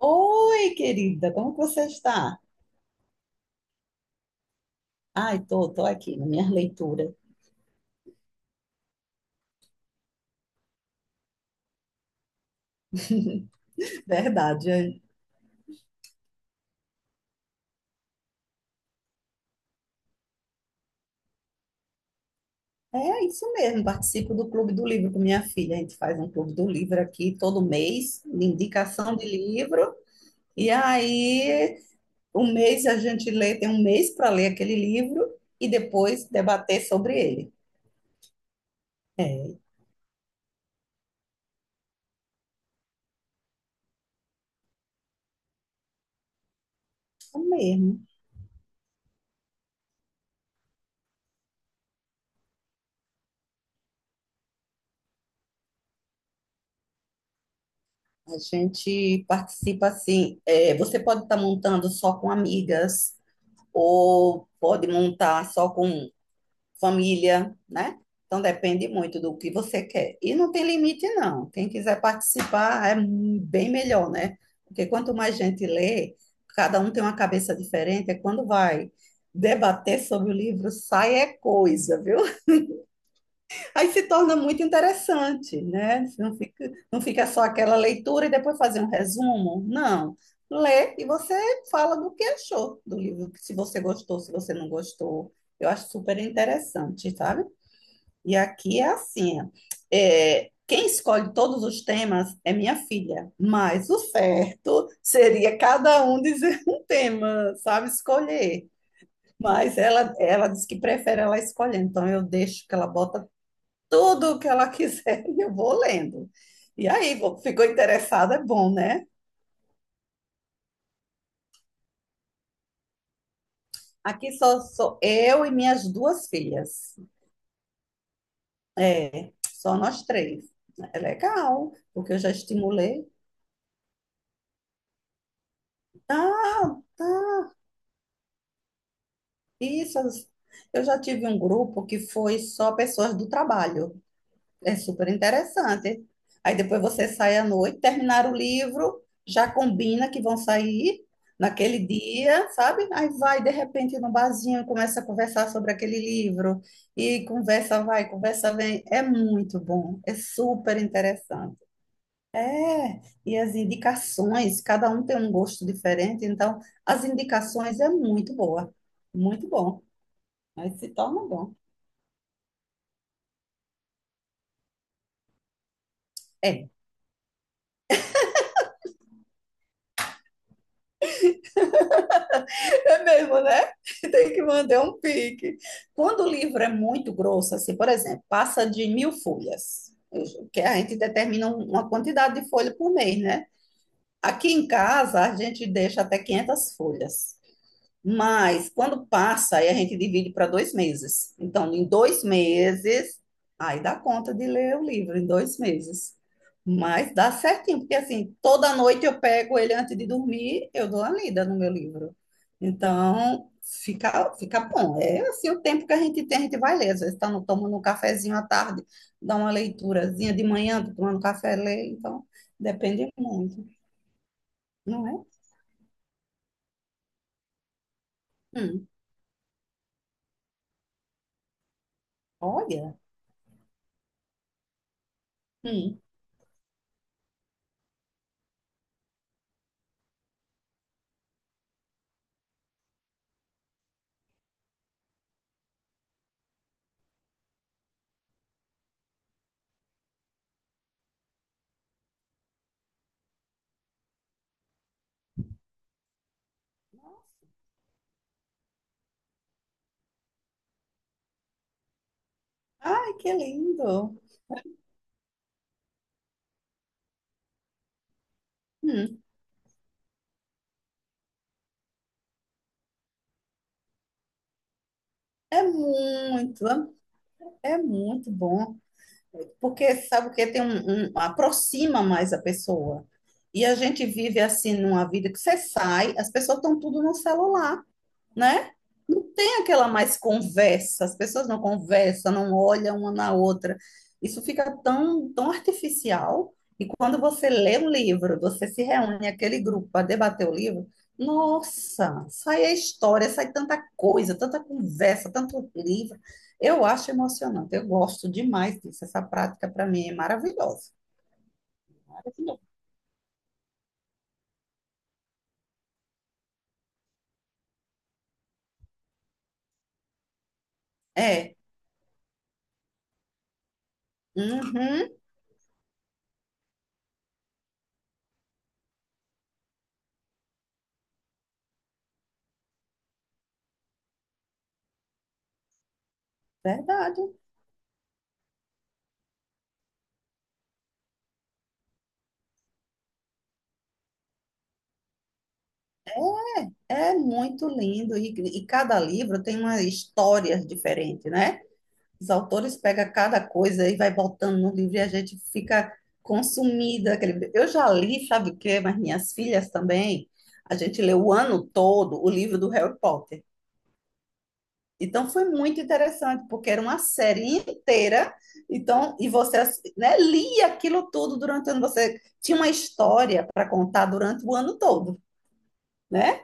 Oi, querida, como que você está? Ai, tô aqui na minha leitura. Verdade, é isso mesmo. Participo do Clube do Livro com minha filha. A gente faz um Clube do Livro aqui todo mês, de indicação de livro. E aí, um mês a gente lê, tem um mês para ler aquele livro e depois debater sobre ele. É isso mesmo. A gente participa assim. É, você pode estar montando só com amigas ou pode montar só com família, né? Então depende muito do que você quer. E não tem limite, não. Quem quiser participar é bem melhor, né? Porque quanto mais gente lê, cada um tem uma cabeça diferente, é quando vai debater sobre o livro, sai é coisa, viu? Aí se torna muito interessante, né? Não fica só aquela leitura e depois fazer um resumo. Não. Lê e você fala do que achou do livro, se você gostou, se você não gostou. Eu acho super interessante, sabe? E aqui é assim, ó. É, quem escolhe todos os temas é minha filha, mas o certo seria cada um dizer um tema, sabe, escolher. Mas ela diz que prefere ela escolher, então eu deixo que ela bota tudo o que ela quiser e eu vou lendo. E aí, ficou interessada, é bom, né? Aqui só sou eu e minhas duas filhas. É, só nós três. É legal, porque eu já estimulei. Ah, tá. Isso, eu já tive um grupo que foi só pessoas do trabalho. É super interessante. Aí depois você sai à noite, terminar o livro, já combina que vão sair naquele dia, sabe? Aí vai de repente no barzinho, começa a conversar sobre aquele livro e conversa vai, conversa vem. É muito bom, é super interessante. É, e as indicações, cada um tem um gosto diferente, então as indicações é muito boa, muito bom. Aí se torna bom. É. É mesmo, né? Tem que manter um pique. Quando o livro é muito grosso, assim, por exemplo, passa de 1.000 folhas, que a gente determina uma quantidade de folha por mês, né? Aqui em casa, a gente deixa até 500 folhas. Mas quando passa, aí a gente divide para 2 meses. Então, em 2 meses, aí dá conta de ler o livro, em 2 meses. Mas dá certinho, porque assim, toda noite eu pego ele antes de dormir, eu dou a lida no meu livro. Então, fica bom. É assim, o tempo que a gente tem, a gente vai ler. Às vezes está tomando um cafezinho à tarde, dá uma leiturazinha de manhã, tô tomando café, lê. Então, depende muito, não é? Hum, olha. Hum. Ai, que lindo! Hum, é muito, é muito bom, porque sabe o que tem aproxima mais a pessoa. E a gente vive assim numa vida que você sai, as pessoas estão tudo no celular. Né? Não tem aquela mais conversa, as pessoas não conversam, não olham uma na outra. Isso fica tão, tão artificial. E quando você lê um livro, você se reúne aquele grupo para debater o livro, nossa, sai a história, sai tanta coisa, tanta conversa, tanto livro. Eu acho emocionante, eu gosto demais disso. Essa prática para mim é maravilhosa. Maravilhoso. É, uhum, verdade. É muito lindo e cada livro tem uma história diferente, né? Os autores pegam cada coisa e vai botando no livro e a gente fica consumida. Eu já li, sabe o quê? Mas minhas filhas também. A gente leu o ano todo o livro do Harry Potter. Então foi muito interessante, porque era uma série inteira, então, e você, né, lia aquilo tudo durante o ano, você tinha uma história para contar durante o ano todo, né?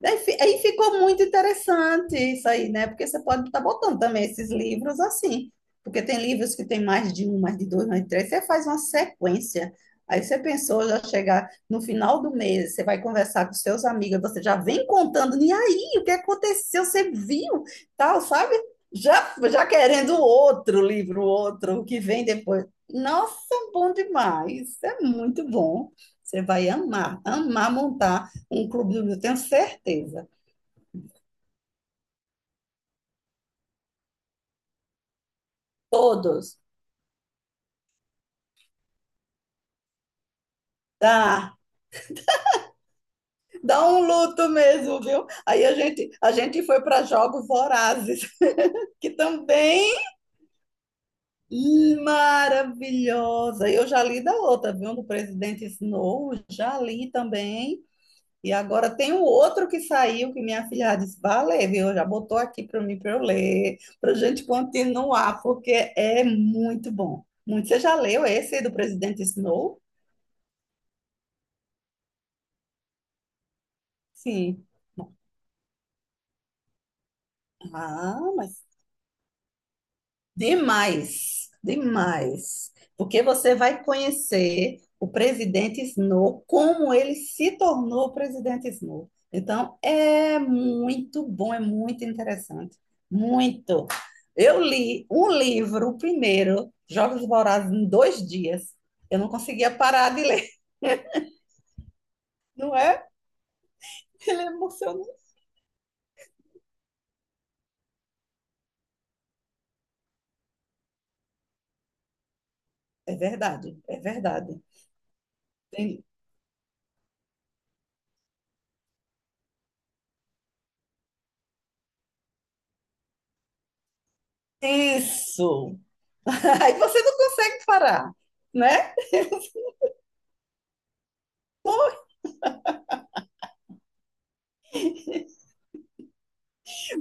Daí aí ficou muito interessante isso aí, né? Porque você pode estar botando também esses livros assim, porque tem livros que tem mais de um, mais de dois, mais de três, você faz uma sequência. Aí você pensou já chegar no final do mês, você vai conversar com seus amigos, você já vem contando, e aí, o que aconteceu? Você viu, tal, sabe? Já, já querendo outro livro, outro, o que vem depois. Nossa, é bom demais, é muito bom. Você vai amar, amar montar um clubinho, eu tenho certeza. Todos. Dá, dá um luto mesmo, viu? Aí a gente foi para Jogos Vorazes, que também maravilhosa. Eu já li da outra, viu? Do presidente Snow, já li também. E agora tem o outro que saiu, que minha filha disse, valeu, viu? Já botou aqui para mim para eu ler, para a gente continuar, porque é muito bom. Muito. Você já leu esse do presidente Snow? Sim. Ah, mas Demais, demais. Porque você vai conhecer o presidente Snow, como ele se tornou o presidente Snow. Então, é muito bom, é muito interessante. Muito. Eu li um livro, o primeiro, Jogos Vorazes, em 2 dias. Eu não conseguia parar de ler, não é? Ele é emocionante. É verdade, é verdade. Tem- Isso. Aí você não consegue parar, né?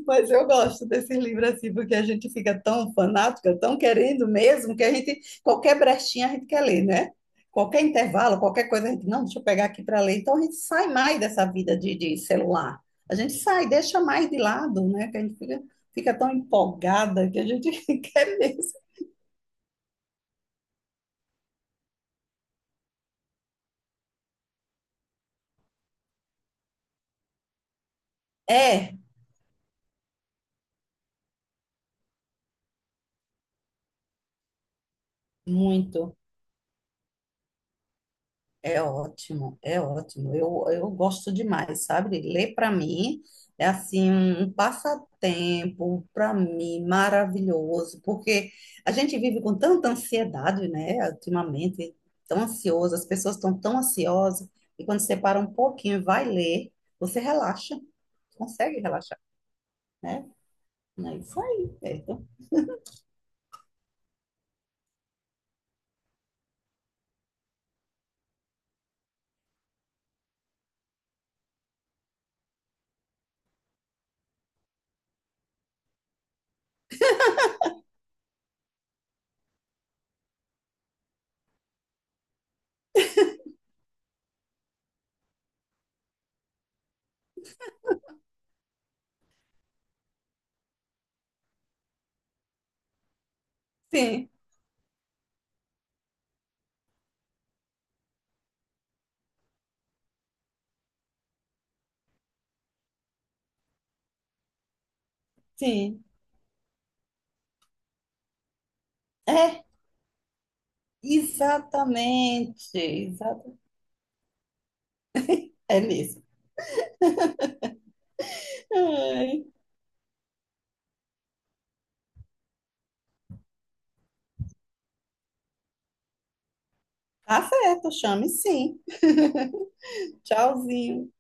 Mas eu gosto desse livro assim, porque a gente fica tão fanática, tão querendo mesmo, que a gente, qualquer brechinha a gente quer ler, né? Qualquer intervalo, qualquer coisa, a gente, não, deixa eu pegar aqui para ler. Então a gente sai mais dessa vida de celular. A gente sai, deixa mais de lado, né? Que a gente fica tão empolgada que a gente quer mesmo. É, muito. É ótimo, é ótimo. Eu gosto demais, sabe? Ler para mim é assim um passatempo para mim maravilhoso, porque a gente vive com tanta ansiedade, né? Ultimamente, tão ansioso, as pessoas estão tão ansiosas, e quando você para um pouquinho e vai ler, você relaxa, consegue relaxar, né? É isso aí, Pedro. Sim, sim. É, exatamente, exatamente. É mesmo. Ai, tá certo, chame sim. Tchauzinho.